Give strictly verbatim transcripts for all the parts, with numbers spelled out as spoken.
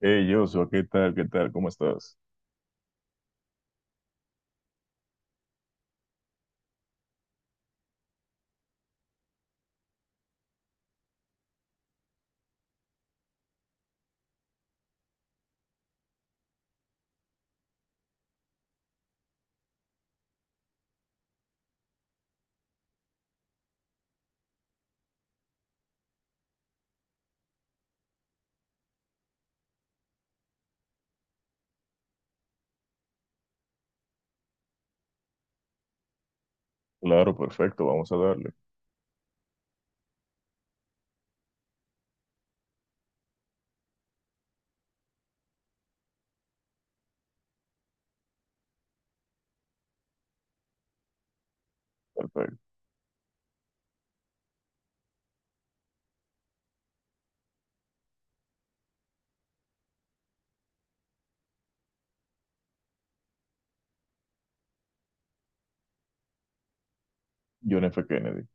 Hey, Joshua, ¿qué tal? ¿Qué tal? ¿Cómo estás? Claro, perfecto, vamos a darle. Perfecto. John F. Kennedy.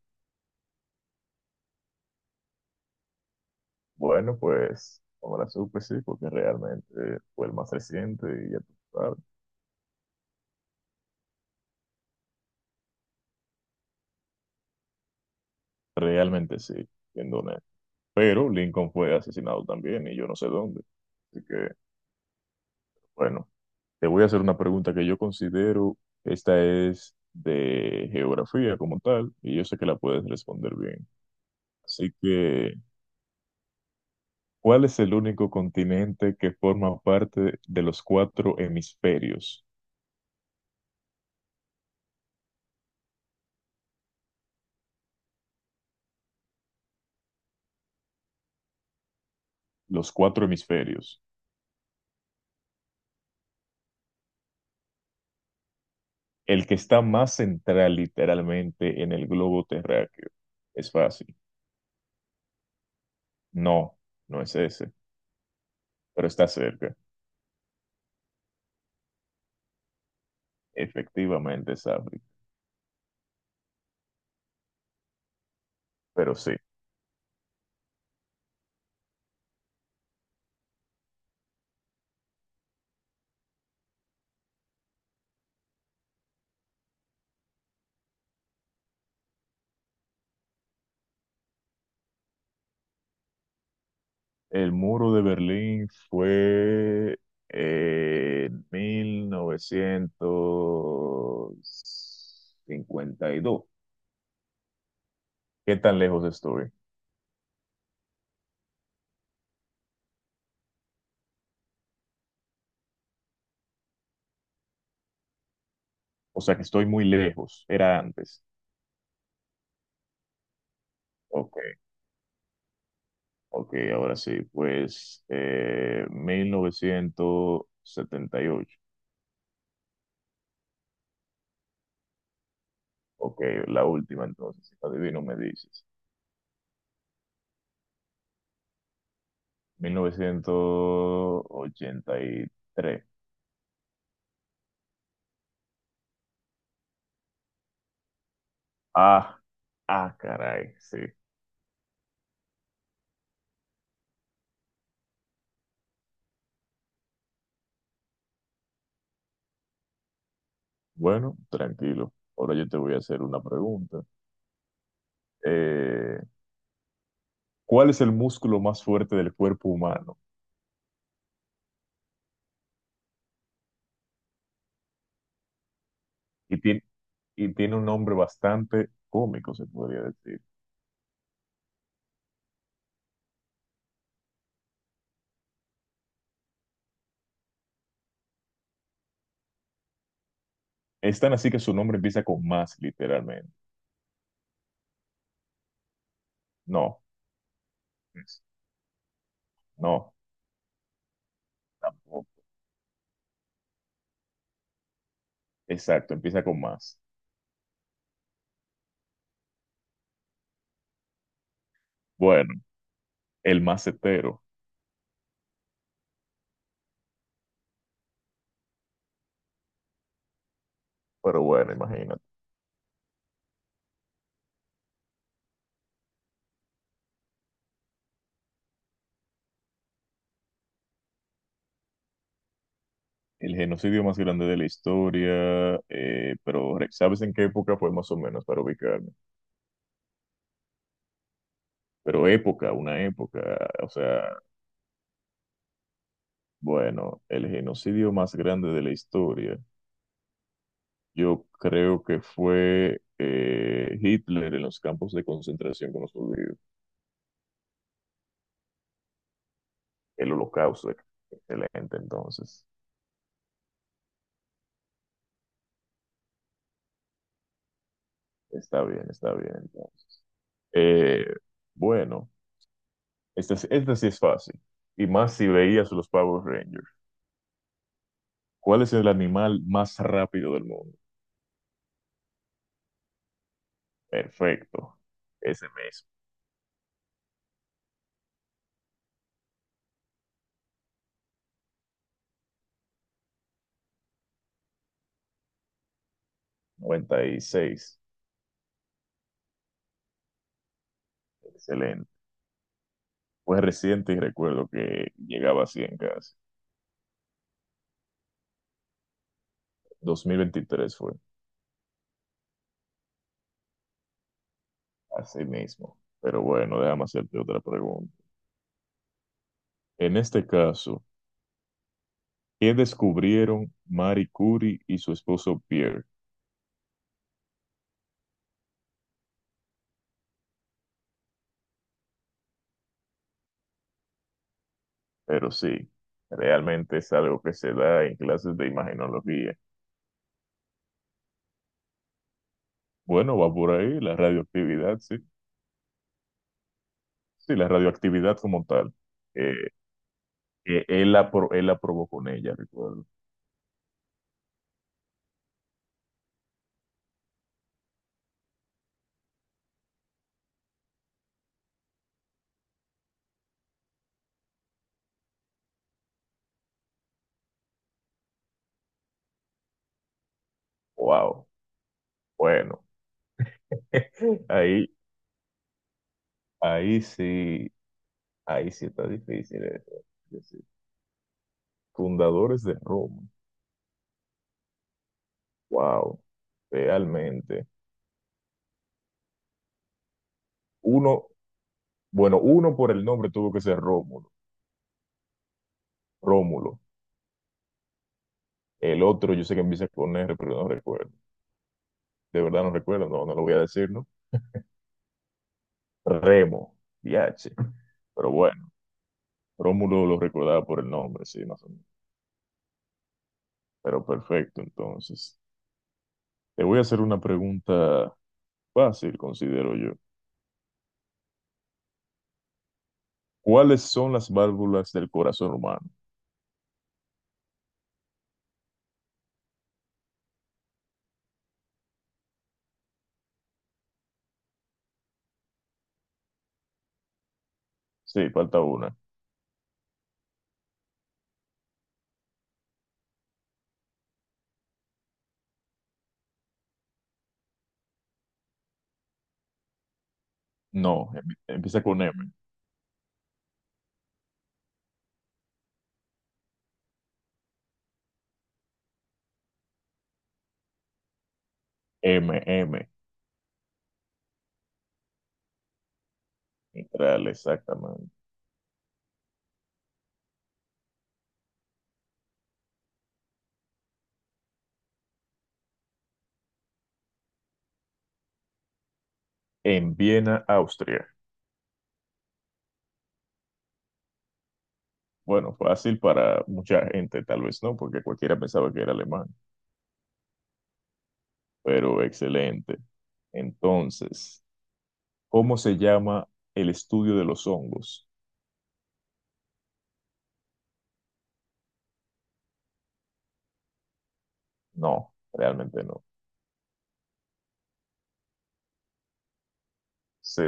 Bueno, pues, ahora la supe, sí, porque realmente fue el más reciente y ya tú sabes. Realmente sí, siendo honesto. Pero Lincoln fue asesinado también y yo no sé dónde. Así que, bueno, te voy a hacer una pregunta que yo considero, esta es de geografía como tal, y yo sé que la puedes responder bien. Así que, ¿cuál es el único continente que forma parte de los cuatro hemisferios? Los cuatro hemisferios. El que está más central literalmente en el globo terráqueo. Es fácil. No, no es ese, pero está cerca. Efectivamente es África. Pero sí, el muro de Berlín fue en mil novecientos cincuenta y dos. ¿Qué tan lejos estoy? O sea que estoy muy lejos, era antes. Ok, ok, ahora sí, pues eh, mil novecientos setenta y ocho. Ok, la última entonces, si no adivino me dices. Mil novecientos ochenta y tres. Ah, ah, caray, sí. Bueno, tranquilo. Ahora yo te voy a hacer una pregunta. Eh, ¿cuál es el músculo más fuerte del cuerpo humano? Y tiene, y tiene un nombre bastante cómico, se podría decir. Es tan así que su nombre empieza con más, literalmente. No, pues, no, tampoco. Exacto, empieza con más. Bueno, el macetero, pero bueno, imagínate. El genocidio más grande de la historia, eh, pero ¿sabes en qué época fue más o menos para ubicarme? Pero época, una época, o sea, bueno, el genocidio más grande de la historia, yo creo que fue eh, Hitler en los campos de concentración con los judíos, el holocausto, excelente entonces. Está bien, está bien, entonces. Eh, bueno, esta, es- esta sí es fácil. Y más si veías los Power Rangers. ¿Cuál es el animal más rápido del mundo? Perfecto. Ese mismo. Noventa y seis. Excelente. Fue reciente y recuerdo que llegaba a cien casi. Dos mil veintitrés fue. Así mismo. Pero bueno, déjame hacerte otra pregunta. En este caso, ¿qué descubrieron Marie Curie y su esposo Pierre? Pero sí, realmente es algo que se da en clases de imagenología. Bueno, va por ahí la radioactividad, sí. Sí, la radioactividad como tal. Eh, eh, él la, pro- él la probó con ella, recuerdo. Wow. Bueno, ahí, ahí sí, ahí sí está difícil eso. Es decir, fundadores de Roma. Wow. Realmente. Uno, bueno, uno por el nombre tuvo que ser Rómulo. Rómulo. El otro, yo sé que empieza con R, pero no recuerdo. De verdad no recuerdo, no, no lo voy a decir, ¿no? Remo, D H. Pero bueno, Rómulo lo recordaba por el nombre, sí, más o menos. Pero perfecto, entonces. Te voy a hacer una pregunta fácil, considero yo. ¿Cuáles son las válvulas del corazón humano? Sí, falta una. No, em- empieza con M. M, M. Mitral, exactamente. En Viena, Austria. Bueno, fácil para mucha gente, tal vez no, porque cualquiera pensaba que era alemán, pero excelente. Entonces, ¿cómo se llama el estudio de los hongos? No, realmente no. Sí,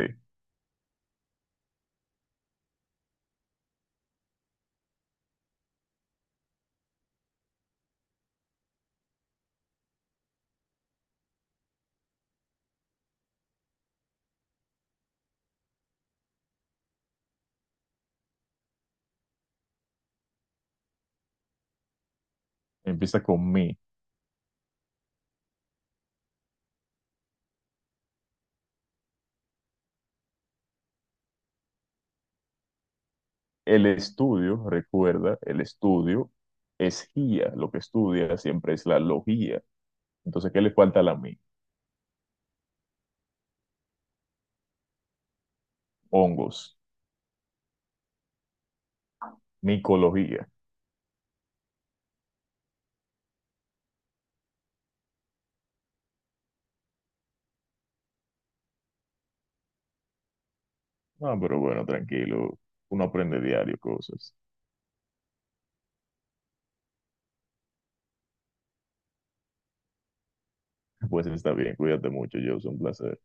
empieza con mi. El estudio, recuerda, el estudio es guía. Lo que estudia siempre es la logía. Entonces, ¿qué le falta a la mi? Hongos, micología. Ah, pero bueno, tranquilo. Uno aprende diario cosas. Pues está bien, cuídate mucho, yo, un placer.